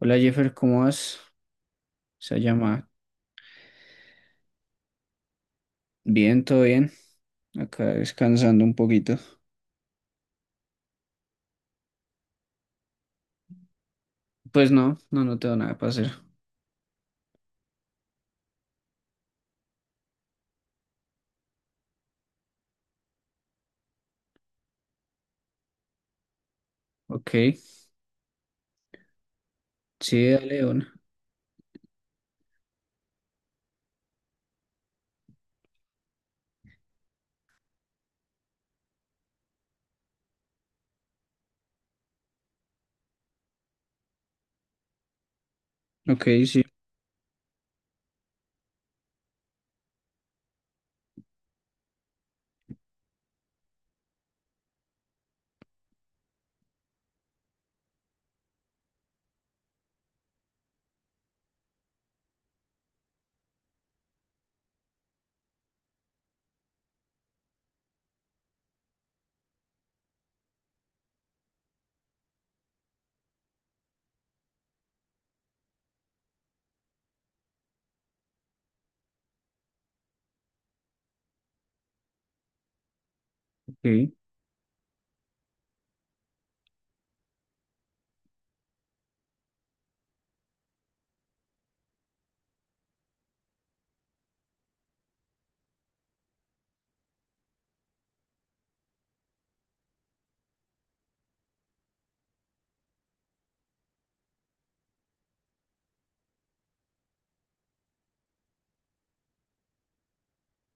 Hola Jeffer, ¿cómo vas? Se llama. Bien, todo bien. Acá descansando un poquito. Pues no, no, no tengo nada para hacer. Ok, sí, dale una. Ok, sí, ok,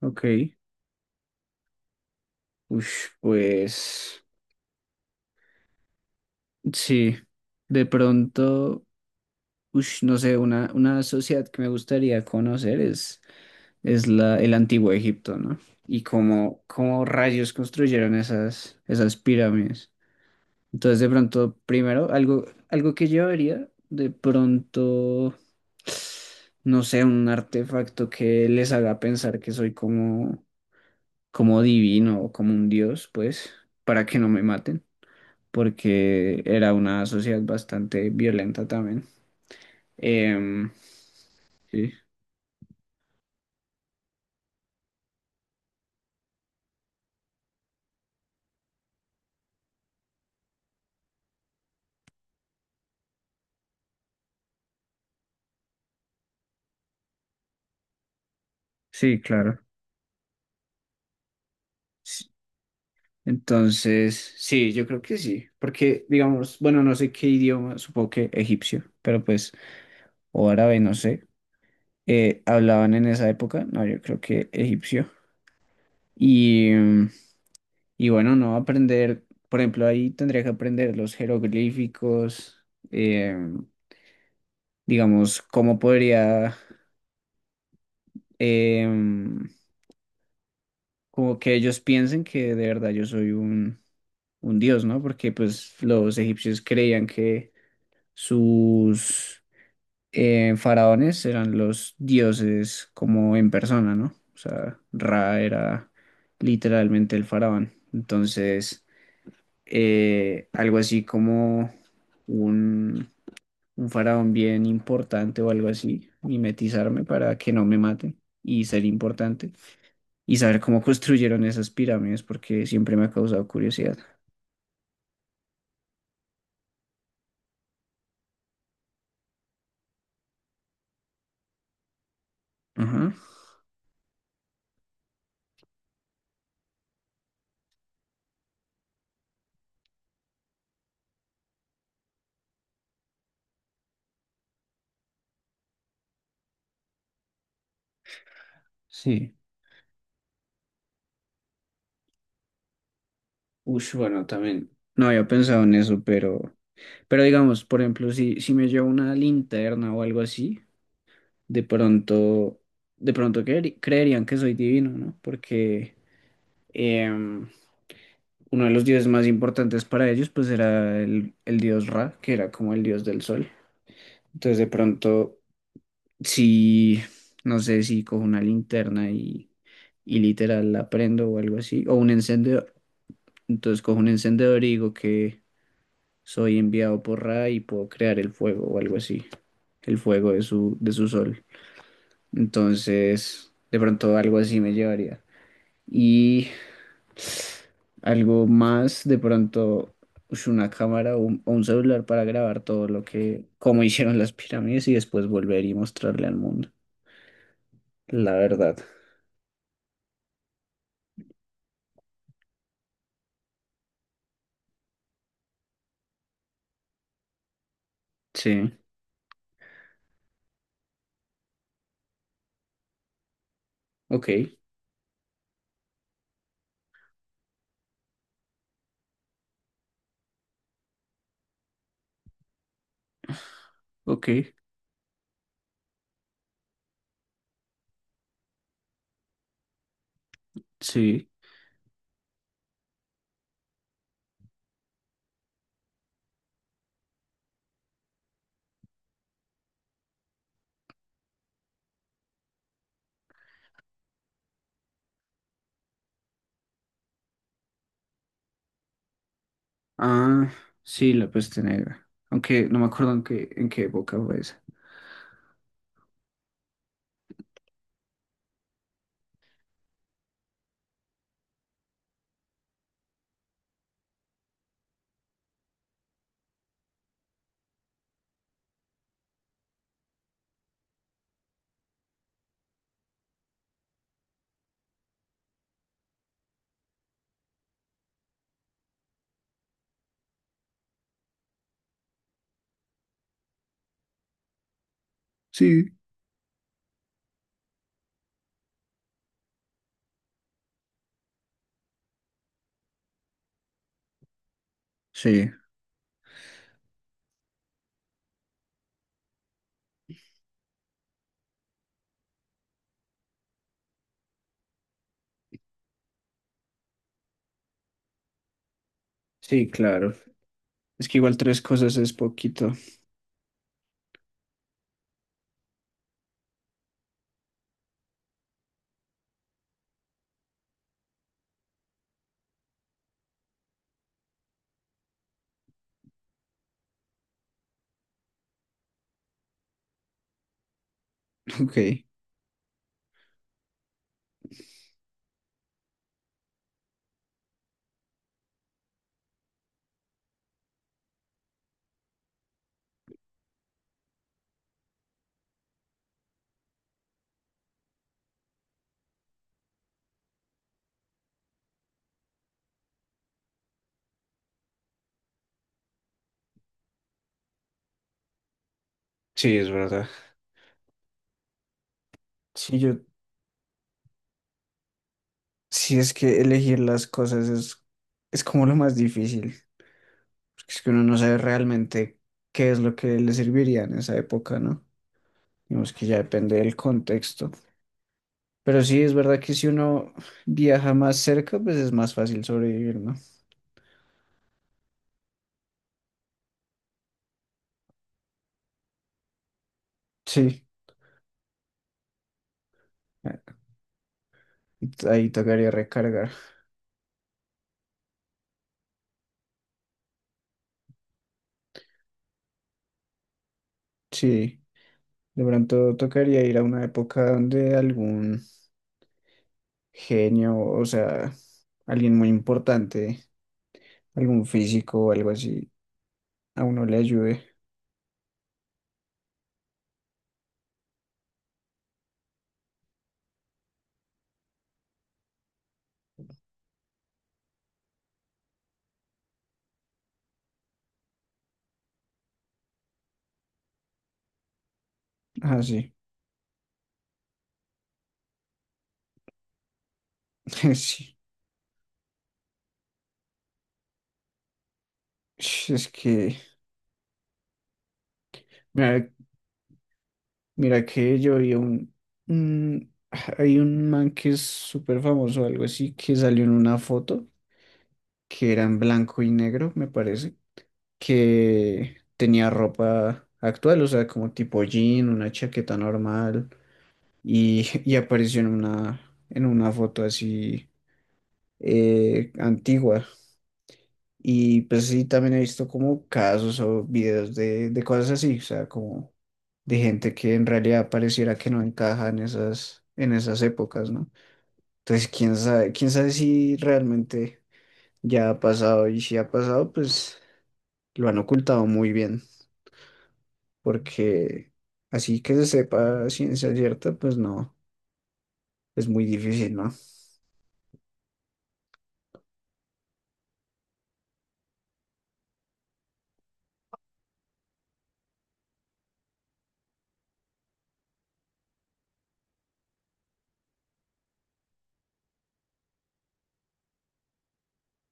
ok. Ush, pues sí. De pronto, ush, no sé, una sociedad que me gustaría conocer es la, el Antiguo Egipto, ¿no? Y cómo, cómo rayos construyeron esas, esas pirámides. Entonces, de pronto, primero, algo, algo que llevaría, de pronto, no sé, un artefacto que les haga pensar que soy como, como divino o como un dios, pues, para que no me maten, porque era una sociedad bastante violenta también. Em, sí, sí, claro. Sí. Entonces, sí, yo creo que sí, porque, digamos, bueno, no sé qué idioma, supongo que egipcio, pero pues, o árabe, no sé hablaban en esa época, no, yo creo que egipcio. Y, y bueno, no aprender, por ejemplo, ahí tendría que aprender los jeroglíficos, em, digamos, cómo podría, em, como que ellos piensen que de verdad yo soy un dios, ¿no? Porque pues los egipcios creían que sus faraones eran los dioses como en persona, ¿no? O sea, Ra era literalmente el faraón. Entonces, algo así como un, un faraón bien importante o algo así, mimetizarme para que no me maten y ser importante y saber cómo construyeron esas pirámides porque siempre me ha causado curiosidad. Ajá, sí. Ush, bueno, también no había pensado en eso, pero digamos, por ejemplo, si, si me llevo una linterna o algo así, de pronto, de pronto creerían que soy divino, ¿no? Porque em, uno de los dioses más importantes para ellos, pues era el dios Ra, que era como el dios del sol. Entonces, de pronto, si, no sé, si cojo una linterna y literal la prendo o algo así, o un encendedor. Entonces cojo un encendedor y digo soy enviado por Ra y puedo crear el fuego o algo así, el fuego de su sol. Entonces, de pronto algo así me llevaría. Y algo más, de pronto, ush, una cámara o un celular para grabar todo lo que, cómo hicieron las pirámides y después volver y mostrarle al mundo. La verdad. Sí, ok, ok, sí. Ah, sí, la peste negra. Aunque no me acuerdo en qué época fue esa. Sí. Sí. Sí, claro. Es que igual tres cosas es poquito. Ok. Sí, es verdad. Sí, yo, sí es que elegir las cosas es como lo más difícil, porque es que uno no sabe realmente qué es lo que le serviría en esa época, ¿no? Digamos que ya depende del contexto. Pero sí, es verdad que si uno viaja más cerca, pues es más fácil sobrevivir, ¿no? Sí, ah, ahí tocaría recargar. Sí, de pronto tocaría ir a una época donde algún genio, o sea, alguien muy importante, algún físico o algo así, a uno le ayude. Ah, sí, sí. Es que, mira, mira que yo vi un, un- hay un man que es súper famoso, algo así, que salió en una foto que era en blanco y negro, me parece, que tenía ropa actual, o sea, como tipo jean, una chaqueta normal, y, y apareció en una foto así antigua. Y pues sí, también he visto como casos o videos de cosas así, o sea, como de gente que en realidad pareciera que no encaja en esas épocas, ¿no? Entonces, quién sabe si realmente ya ha pasado y si ha pasado, pues lo han ocultado muy bien, porque así que se sepa a ciencia cierta, pues no, es muy difícil, ¿no?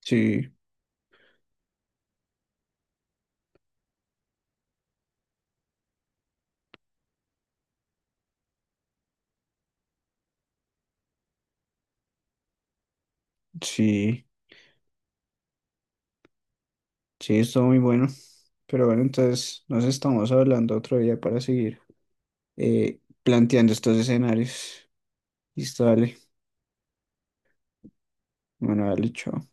Sí, sí, sí, estuvo muy bueno. Pero bueno, entonces nos estamos hablando otro día para seguir planteando estos escenarios. Listo, dale. Bueno, dale, chao.